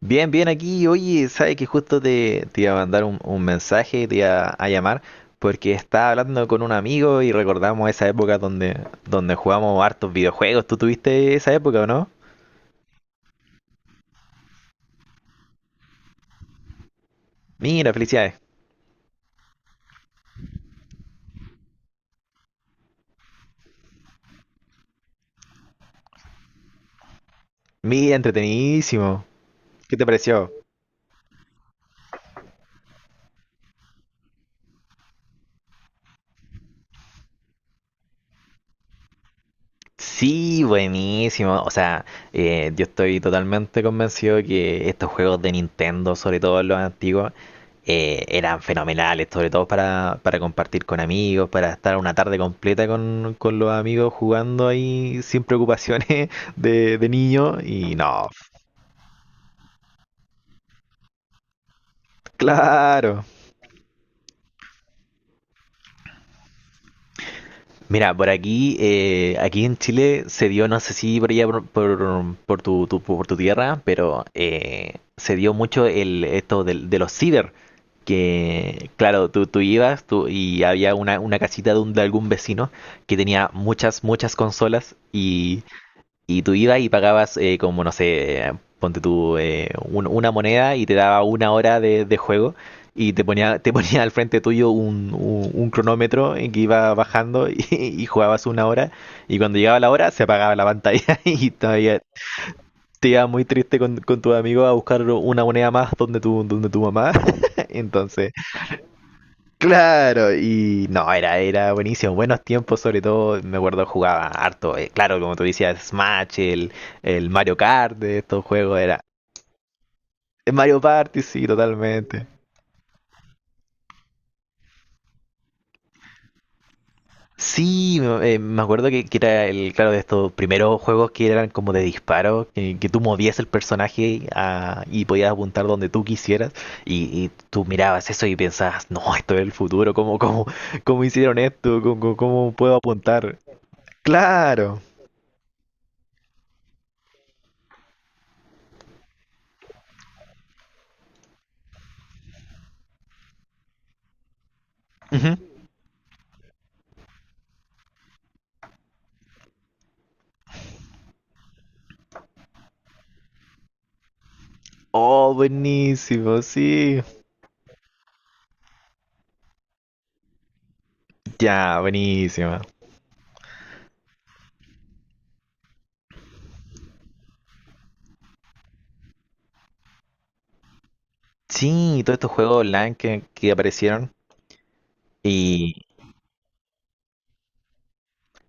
Bien, bien aquí. Oye, sabes que justo te iba a mandar un mensaje, te iba a llamar, porque estaba hablando con un amigo y recordamos esa época donde jugamos hartos videojuegos. ¿Tú tuviste esa época o no? Mira, felicidades. Mira, entretenidísimo. ¿Qué te pareció? Sí, buenísimo. O sea, yo estoy totalmente convencido que estos juegos de Nintendo, sobre todo los antiguos, eran fenomenales, sobre todo para compartir con amigos, para estar una tarde completa con los amigos jugando ahí sin preocupaciones de niño. Y no, claro. Mira, por aquí, aquí en Chile se dio, no sé si por allá por por tu tierra, pero se dio mucho el esto de los ciber, que claro, tú ibas tú, y había una casita de, de algún vecino que tenía muchas consolas y tú ibas y pagabas como, no sé, ponte tú una moneda y te daba una hora de juego y te ponía al frente tuyo un cronómetro en que iba bajando y jugabas una hora y cuando llegaba la hora se apagaba la pantalla y todavía te iba muy triste con tu amigo a buscar una moneda más donde tu mamá. Entonces, claro, y no, era buenísimo. Buenos tiempos, sobre todo, me acuerdo jugaba harto. Claro, como tú decías, Smash, el Mario Kart de estos juegos, era. El Mario Party, sí, totalmente. Sí, me acuerdo que era el, claro, de estos primeros juegos que eran como de disparo, que tú movías el personaje y podías apuntar donde tú quisieras, y tú mirabas eso y pensabas, no, esto es el futuro, ¿ cómo hicieron esto? ¿ cómo puedo apuntar? Claro. Oh, buenísimo, sí. Ya, buenísimo. Sí, todos estos juegos online que aparecieron. Y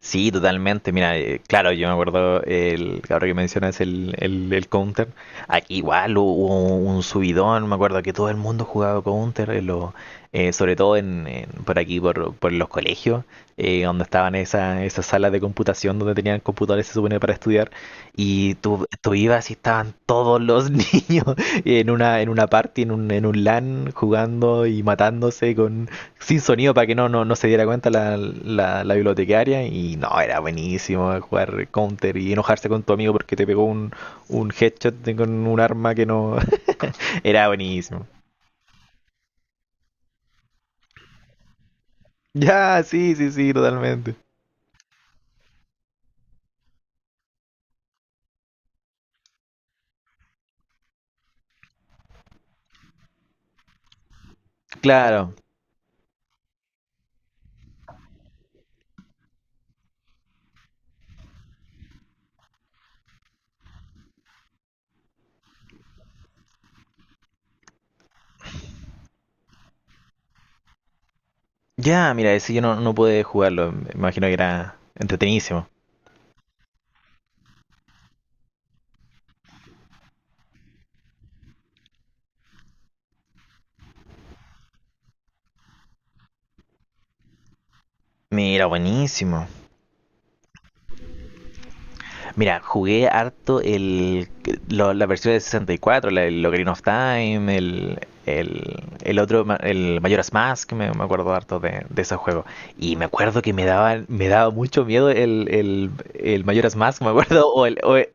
sí, totalmente. Mira, claro, yo me acuerdo, el, ahora que mencionas el Counter, aquí igual hubo un subidón, me acuerdo que todo el mundo jugaba Counter, sobre todo por aquí, por los colegios, donde estaban esas salas de computación donde tenían computadores, se supone, para estudiar, y tú ibas y estaban todos los niños en una party, en un LAN, jugando y matándose con, sin sonido para que no se diera cuenta la bibliotecaria. Y no, era buenísimo jugar counter y enojarse con tu amigo porque te pegó un headshot con un arma que no. Era buenísimo. Ya, sí, sí, sí, totalmente. Claro. Ya, mira, ese yo no, no pude jugarlo. Me imagino que era entretenidísimo. Mira, buenísimo. Mira, jugué harto el, la versión de 64, el Ocarina of Time, el otro, el Majora's Mask, me acuerdo harto de ese juego. Y me acuerdo que me daba mucho miedo el Majora's Mask, me acuerdo, o el-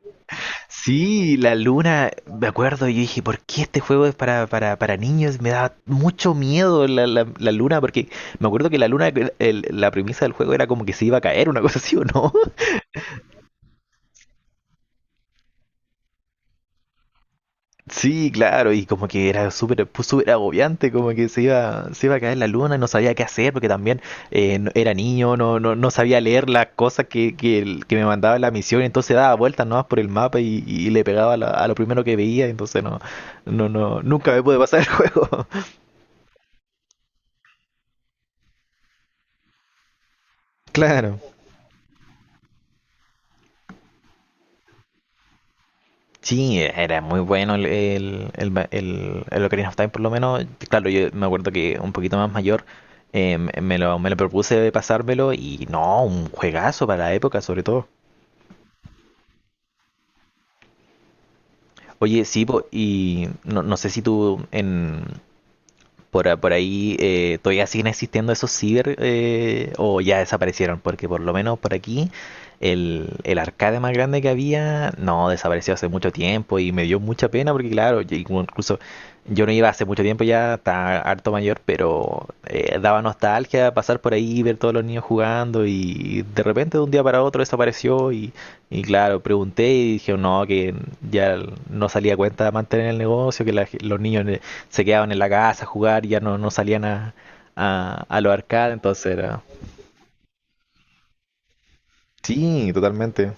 sí, la luna, me acuerdo, y yo dije, ¿por qué este juego es para niños? Me daba mucho miedo la luna, porque me acuerdo que la luna, la premisa del juego era como que se iba a caer, una cosa así, ¿o no? Sí, claro, y como que era súper pues, súper agobiante, como que se iba a caer la luna y no sabía qué hacer, porque también era niño, no sabía leer las cosas que, que me mandaba la misión, entonces daba vueltas nomás por el mapa y le pegaba a a lo primero que veía, entonces no, nunca me pude pasar el juego. Claro. Sí, era muy bueno el Ocarina of Time, por lo menos. Claro, yo me acuerdo que un poquito más mayor me lo propuse de pasármelo y no, un juegazo para la época, sobre todo. Oye, sí, po, y no, no sé si tú en, por, por ahí todavía siguen existiendo esos ciber o ya desaparecieron, porque por lo menos por aquí el arcade más grande que había no desapareció hace mucho tiempo y me dio mucha pena porque claro, yo incluso yo no iba hace mucho tiempo ya, estaba harto mayor, pero daba nostalgia pasar por ahí, ver todos los niños jugando y de repente de un día para otro desapareció y claro, pregunté y dije, no, que ya no salía cuenta de mantener el negocio, que los niños se quedaban en la casa a jugar y ya no, no salían a los arcades, entonces era... Sí, totalmente.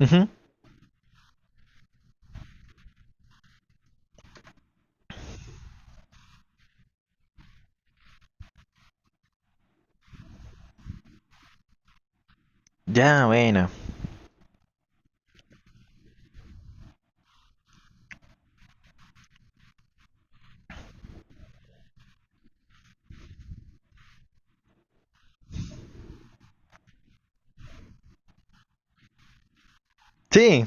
Ujú. Ya, bueno. Sí,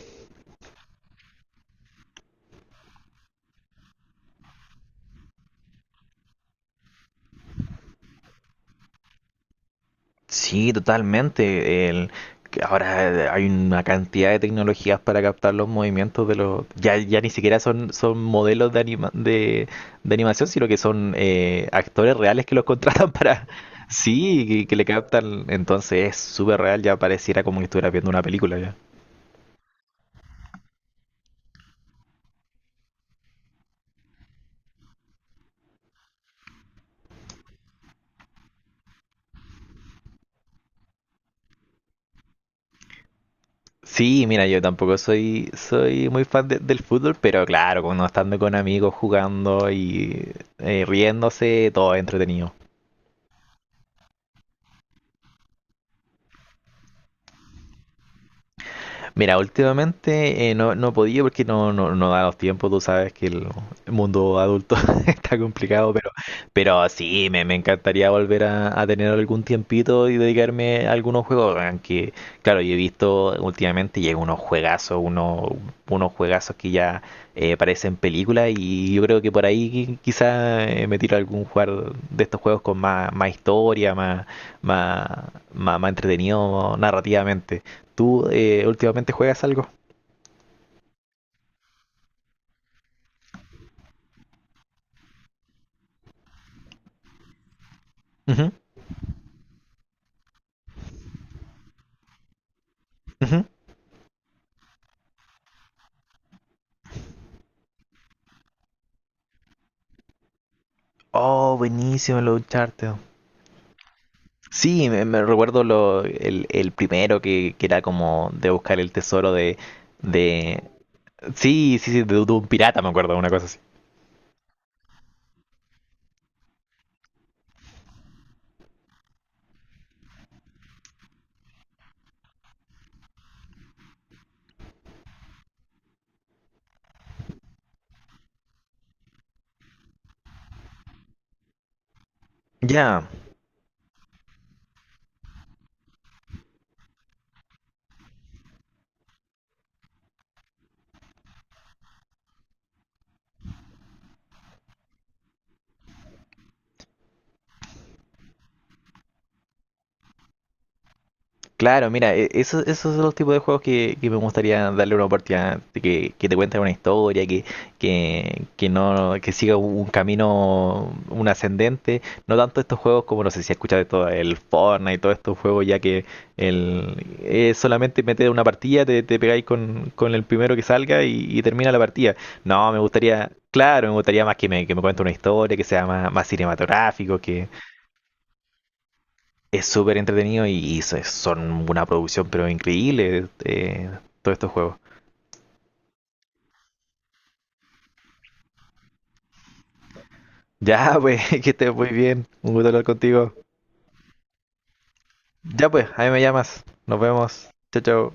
sí, totalmente. El, que ahora hay una cantidad de tecnologías para captar los movimientos de los... Ya, ya ni siquiera son, son modelos de, de animación, sino que son actores reales que los contratan para... Sí, que le captan. Entonces es súper real, ya pareciera como que estuviera viendo una película ya. Sí, mira, yo tampoco soy, soy muy fan del fútbol, pero claro, cuando estando con amigos jugando y riéndose, todo es entretenido. Mira, últimamente no, no he podido porque no da los tiempos, tú sabes que el mundo adulto está complicado, pero sí, me encantaría volver a tener algún tiempito y dedicarme a algunos juegos, aunque claro, yo he visto últimamente llega unos juegazos, unos, unos juegazos que ya parecen películas y yo creo que por ahí quizá me tiro a algún jugar de estos juegos con más, más historia, más, más entretenido narrativamente. ¿Tú últimamente juegas algo? Ujú, ujú. Oh, buenísimo el Uncharted. Sí, me recuerdo lo, el primero que era como de buscar el tesoro de... Sí, sí, sí, de un pirata, me acuerdo, una cosa así. Ya, claro, mira, eso, esos son los tipos de juegos que me gustaría darle una oportunidad, de que te cuenten una historia, que no, que siga un camino, un ascendente, no tanto estos juegos como no sé si escuchas de todo el Fortnite y todos estos juegos ya que el es solamente meter una partida, te pegáis con el primero que salga y termina la partida. No, me gustaría, claro, me gustaría más que que me cuente una historia, que sea más, más cinematográfico, que, es súper entretenido y, son una producción pero increíble todos estos juegos. Ya, pues, que estés muy bien. Un gusto hablar contigo. Ya, pues, ahí me llamas. Nos vemos. Chao, chao.